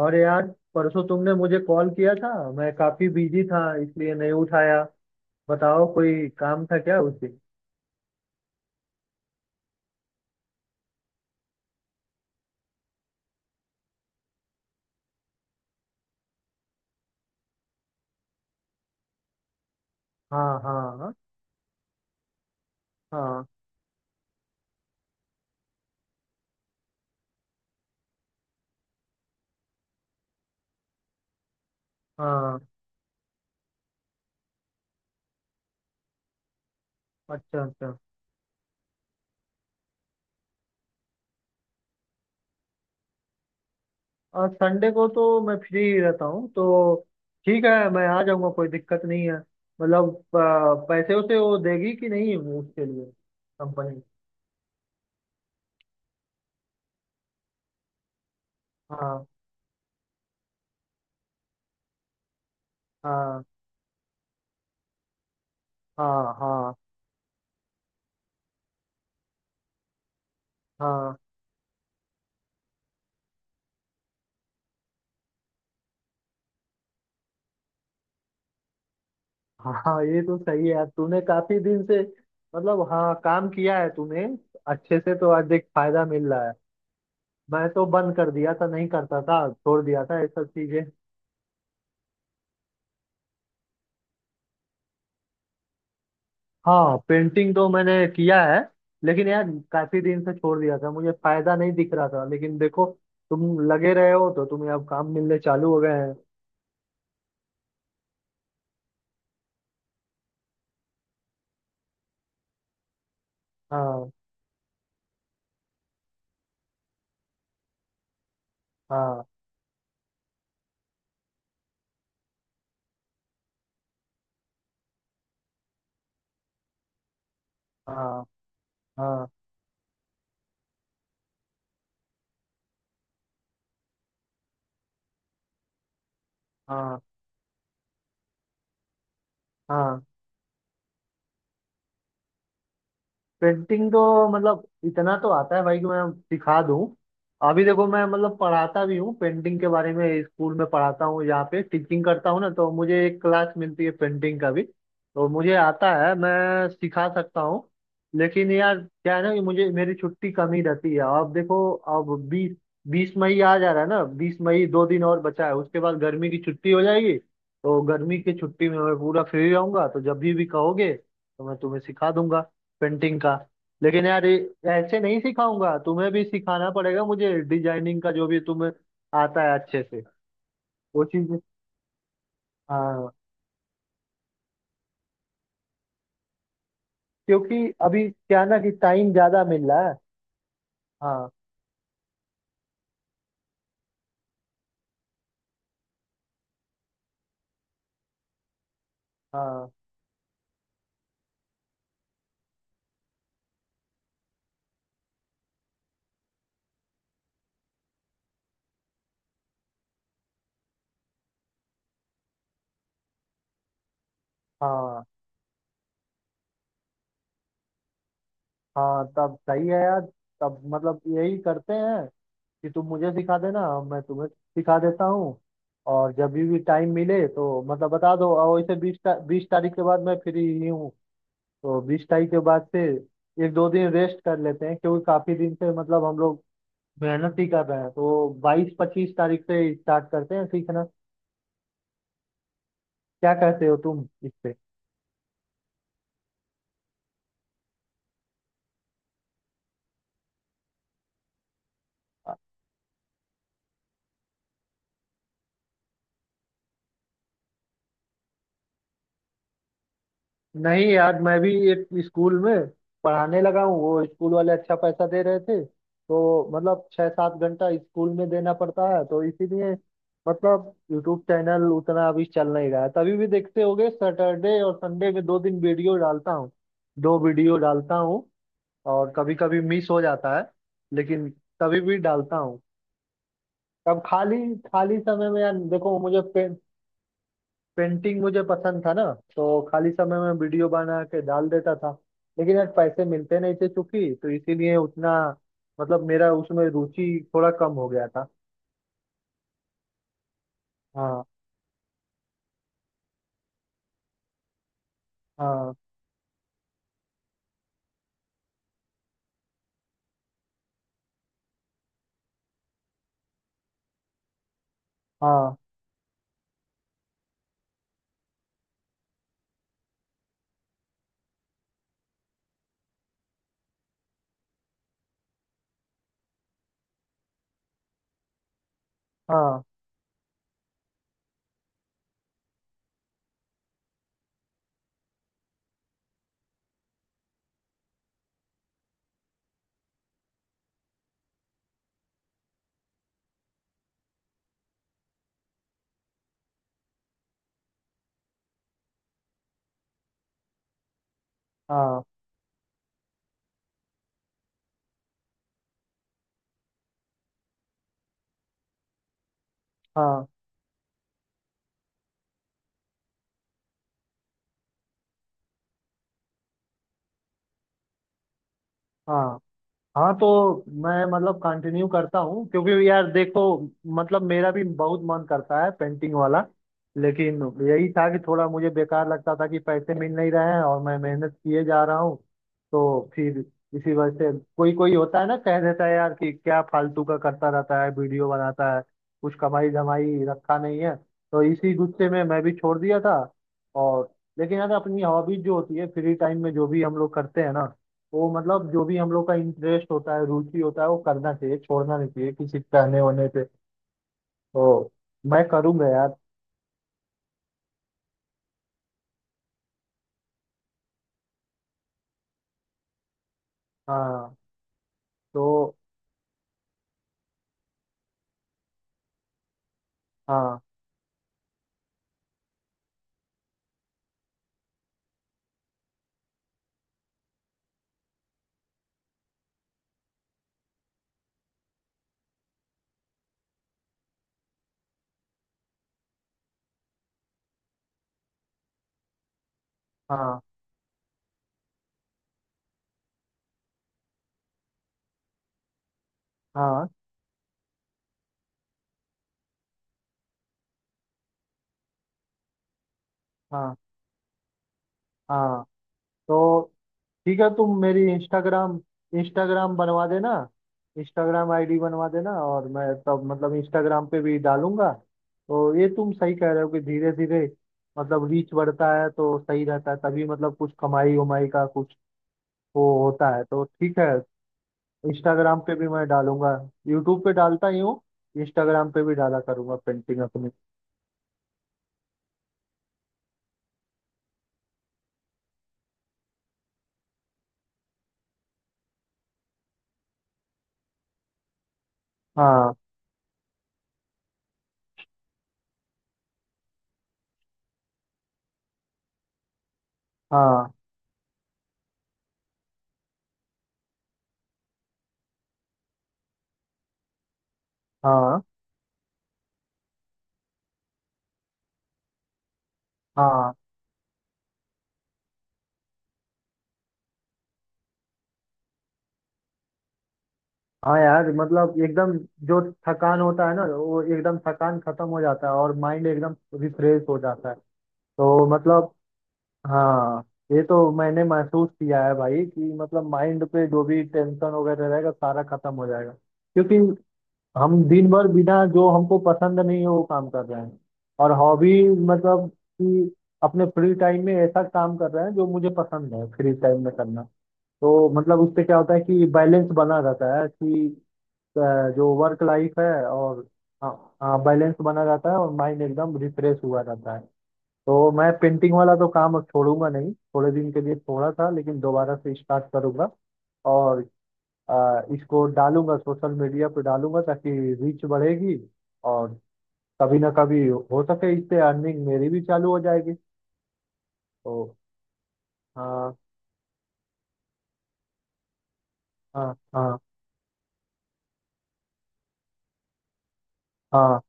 और यार, परसों तुमने मुझे कॉल किया था। मैं काफी बिजी था इसलिए नहीं उठाया। बताओ कोई काम था क्या उसे। हाँ, हाँ। हाँ, हाँ। अच्छा, अच्छा। और संडे को तो मैं फ्री ही रहता हूँ तो ठीक है, मैं आ जाऊँगा, कोई दिक्कत नहीं है। मतलब पैसे उसे वो देगी कि नहीं उसके लिए, कंपनी। हाँ, हाँ। हाँ, हाँ। हाँ, हाँ। ये तो सही है यार, तूने काफी दिन से मतलब, हाँ, काम किया है तूने अच्छे से, तो आज देख फायदा मिल रहा है। मैं तो बंद कर दिया था, नहीं करता था, छोड़ दिया था ये सब चीजें। हाँ, पेंटिंग तो मैंने किया है। लेकिन यार, काफी दिन से छोड़ दिया था, मुझे फायदा नहीं दिख रहा था। लेकिन देखो, तुम लगे रहे हो तो तुम्हें अब काम मिलने चालू हो गए हैं। हाँ, हाँ। हाँ, हाँ। हाँ, हाँ। पेंटिंग तो मतलब इतना तो आता है भाई कि मैं सिखा दूं। अभी देखो, मैं मतलब पढ़ाता भी हूँ पेंटिंग के बारे में, स्कूल में पढ़ाता हूँ, यहाँ पे टीचिंग करता हूँ ना, तो मुझे एक क्लास मिलती है पेंटिंग का भी, तो मुझे आता है, मैं सिखा सकता हूँ। लेकिन यार क्या है ना कि मुझे मेरी छुट्टी कम ही रहती है। अब देखो, अब बीस बीस मई आ जा रहा है ना, 20 मई, 2 दिन और बचा है। उसके बाद गर्मी की छुट्टी हो जाएगी। तो गर्मी की छुट्टी में मैं पूरा फ्री रहूंगा, तो जब भी कहोगे तो मैं तुम्हें सिखा दूंगा पेंटिंग का। लेकिन यार, ये ऐसे नहीं सिखाऊंगा। तुम्हें भी सिखाना पड़ेगा मुझे, डिजाइनिंग का जो भी तुम्हें आता है अच्छे से, वो चीज। हाँ, क्योंकि अभी क्या ना कि टाइम ज्यादा मिल रहा है। हाँ, हाँ। हाँ, हाँ। तब सही है यार। तब मतलब यही करते हैं कि तुम मुझे सिखा देना, मैं तुम्हें सिखा देता हूँ। और जब भी टाइम मिले तो मतलब बता दो। और वैसे बीस बीस तारीख के बाद मैं फ्री ही हूँ। तो 20 तारीख के बाद से एक दो दिन रेस्ट कर लेते हैं क्योंकि काफी दिन से मतलब हम लोग मेहनत ही कर रहे हैं। तो बाईस पच्चीस तारीख से स्टार्ट करते हैं सीखना। क्या कहते हो तुम इस पे? नहीं यार, मैं भी एक स्कूल में पढ़ाने लगा हूँ, वो स्कूल वाले अच्छा पैसा दे रहे थे, तो मतलब छः सात घंटा स्कूल में देना पड़ता है, तो इसीलिए मतलब यूट्यूब चैनल उतना अभी चल नहीं रहा है। तभी भी देखते होगे, सैटरडे और संडे में 2 दिन वीडियो डालता हूँ, 2 वीडियो डालता हूँ। और कभी कभी मिस हो जाता है, लेकिन तभी भी डालता हूँ। तब खाली खाली समय में, यार देखो, पेंटिंग मुझे पसंद था ना, तो खाली समय में वीडियो बना के डाल देता था। लेकिन यार पैसे मिलते नहीं थे चूंकि, तो इसीलिए उतना मतलब मेरा उसमें रुचि थोड़ा कम हो गया था। हाँ, हाँ। हाँ, हाँ। हाँ, हाँ। हाँ, हाँ। तो मैं मतलब कंटिन्यू करता हूँ क्योंकि यार देखो, मतलब मेरा भी बहुत मन करता है पेंटिंग वाला। लेकिन यही था कि थोड़ा मुझे बेकार लगता था कि पैसे मिल नहीं रहे हैं और मैं मेहनत किए जा रहा हूँ। तो फिर इसी वजह से, कोई कोई होता है ना, कह देता है यार कि क्या फालतू का करता रहता है वीडियो बनाता है, कुछ कमाई धमाई रखा नहीं है। तो इसी गुस्से में मैं भी छोड़ दिया था। और लेकिन यार, अपनी हॉबीज जो होती है, फ्री टाइम में जो भी हम लोग करते हैं ना, वो मतलब जो भी हम लोग का इंटरेस्ट होता है, रुचि होता है, वो करना चाहिए, छोड़ना नहीं चाहिए किसी के कहने होने पे। तो मैं करूंगा यार। हाँ तो, हाँ, हाँ। हाँ, हाँ। हाँ, तो ठीक है, तुम मेरी इंस्टाग्राम, इंस्टाग्राम बनवा देना, इंस्टाग्राम आईडी बनवा देना, और मैं तब मतलब इंस्टाग्राम पे भी डालूंगा। तो ये तुम सही कह रहे हो कि धीरे धीरे मतलब रीच बढ़ता है तो सही रहता है, तभी मतलब कुछ कमाई उमाई का कुछ वो होता है। तो ठीक है, इंस्टाग्राम पे भी मैं डालूंगा, यूट्यूब पे डालता ही हूँ, इंस्टाग्राम पे भी डाला करूंगा पेंटिंग अपनी। हाँ, हाँ। हाँ, हाँ। हाँ यार, मतलब एकदम जो थकान होता है ना, वो एकदम थकान खत्म हो जाता है और माइंड एकदम रिफ्रेश हो जाता है। तो मतलब, हाँ, ये तो मैंने महसूस किया है भाई, कि मतलब माइंड पे जो भी टेंशन वगैरह रहेगा सारा खत्म हो जाएगा, क्योंकि हम दिन भर बिना जो हमको पसंद नहीं है वो काम कर रहे हैं। और हॉबी मतलब कि अपने फ्री टाइम में ऐसा काम कर रहे हैं जो मुझे पसंद है फ्री टाइम में करना। तो मतलब उससे क्या होता है कि बैलेंस बना रहता है कि अ, जो वर्क लाइफ है, और हाँ, बैलेंस बना रहता है और माइंड एकदम रिफ्रेश हुआ रहता है। तो मैं पेंटिंग वाला तो काम अब छोड़ूंगा नहीं, थोड़े दिन के लिए छोड़ा था लेकिन दोबारा से स्टार्ट करूंगा। और इसको डालूंगा, सोशल मीडिया पे डालूंगा, ताकि रीच बढ़ेगी। और कभी ना कभी हो सके इससे अर्निंग मेरी भी चालू हो जाएगी तो। हाँ, हाँ। हाँ, हाँ।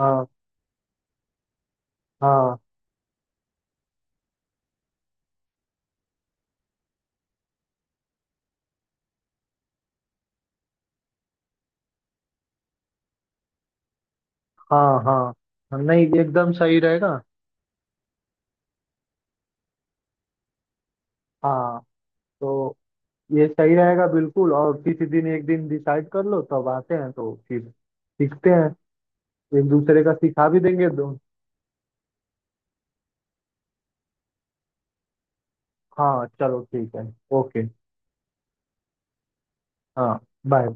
हाँ, हाँ। हाँ, हाँ। हाँ, नहीं एकदम सही रहेगा। हाँ, तो ये सही रहेगा बिल्कुल। और किसी दिन एक दिन डिसाइड कर लो, तब आते हैं तो फिर सीखते हैं, एक दूसरे का सिखा भी देंगे दो। हाँ, चलो ठीक है। ओके। हाँ, बाय।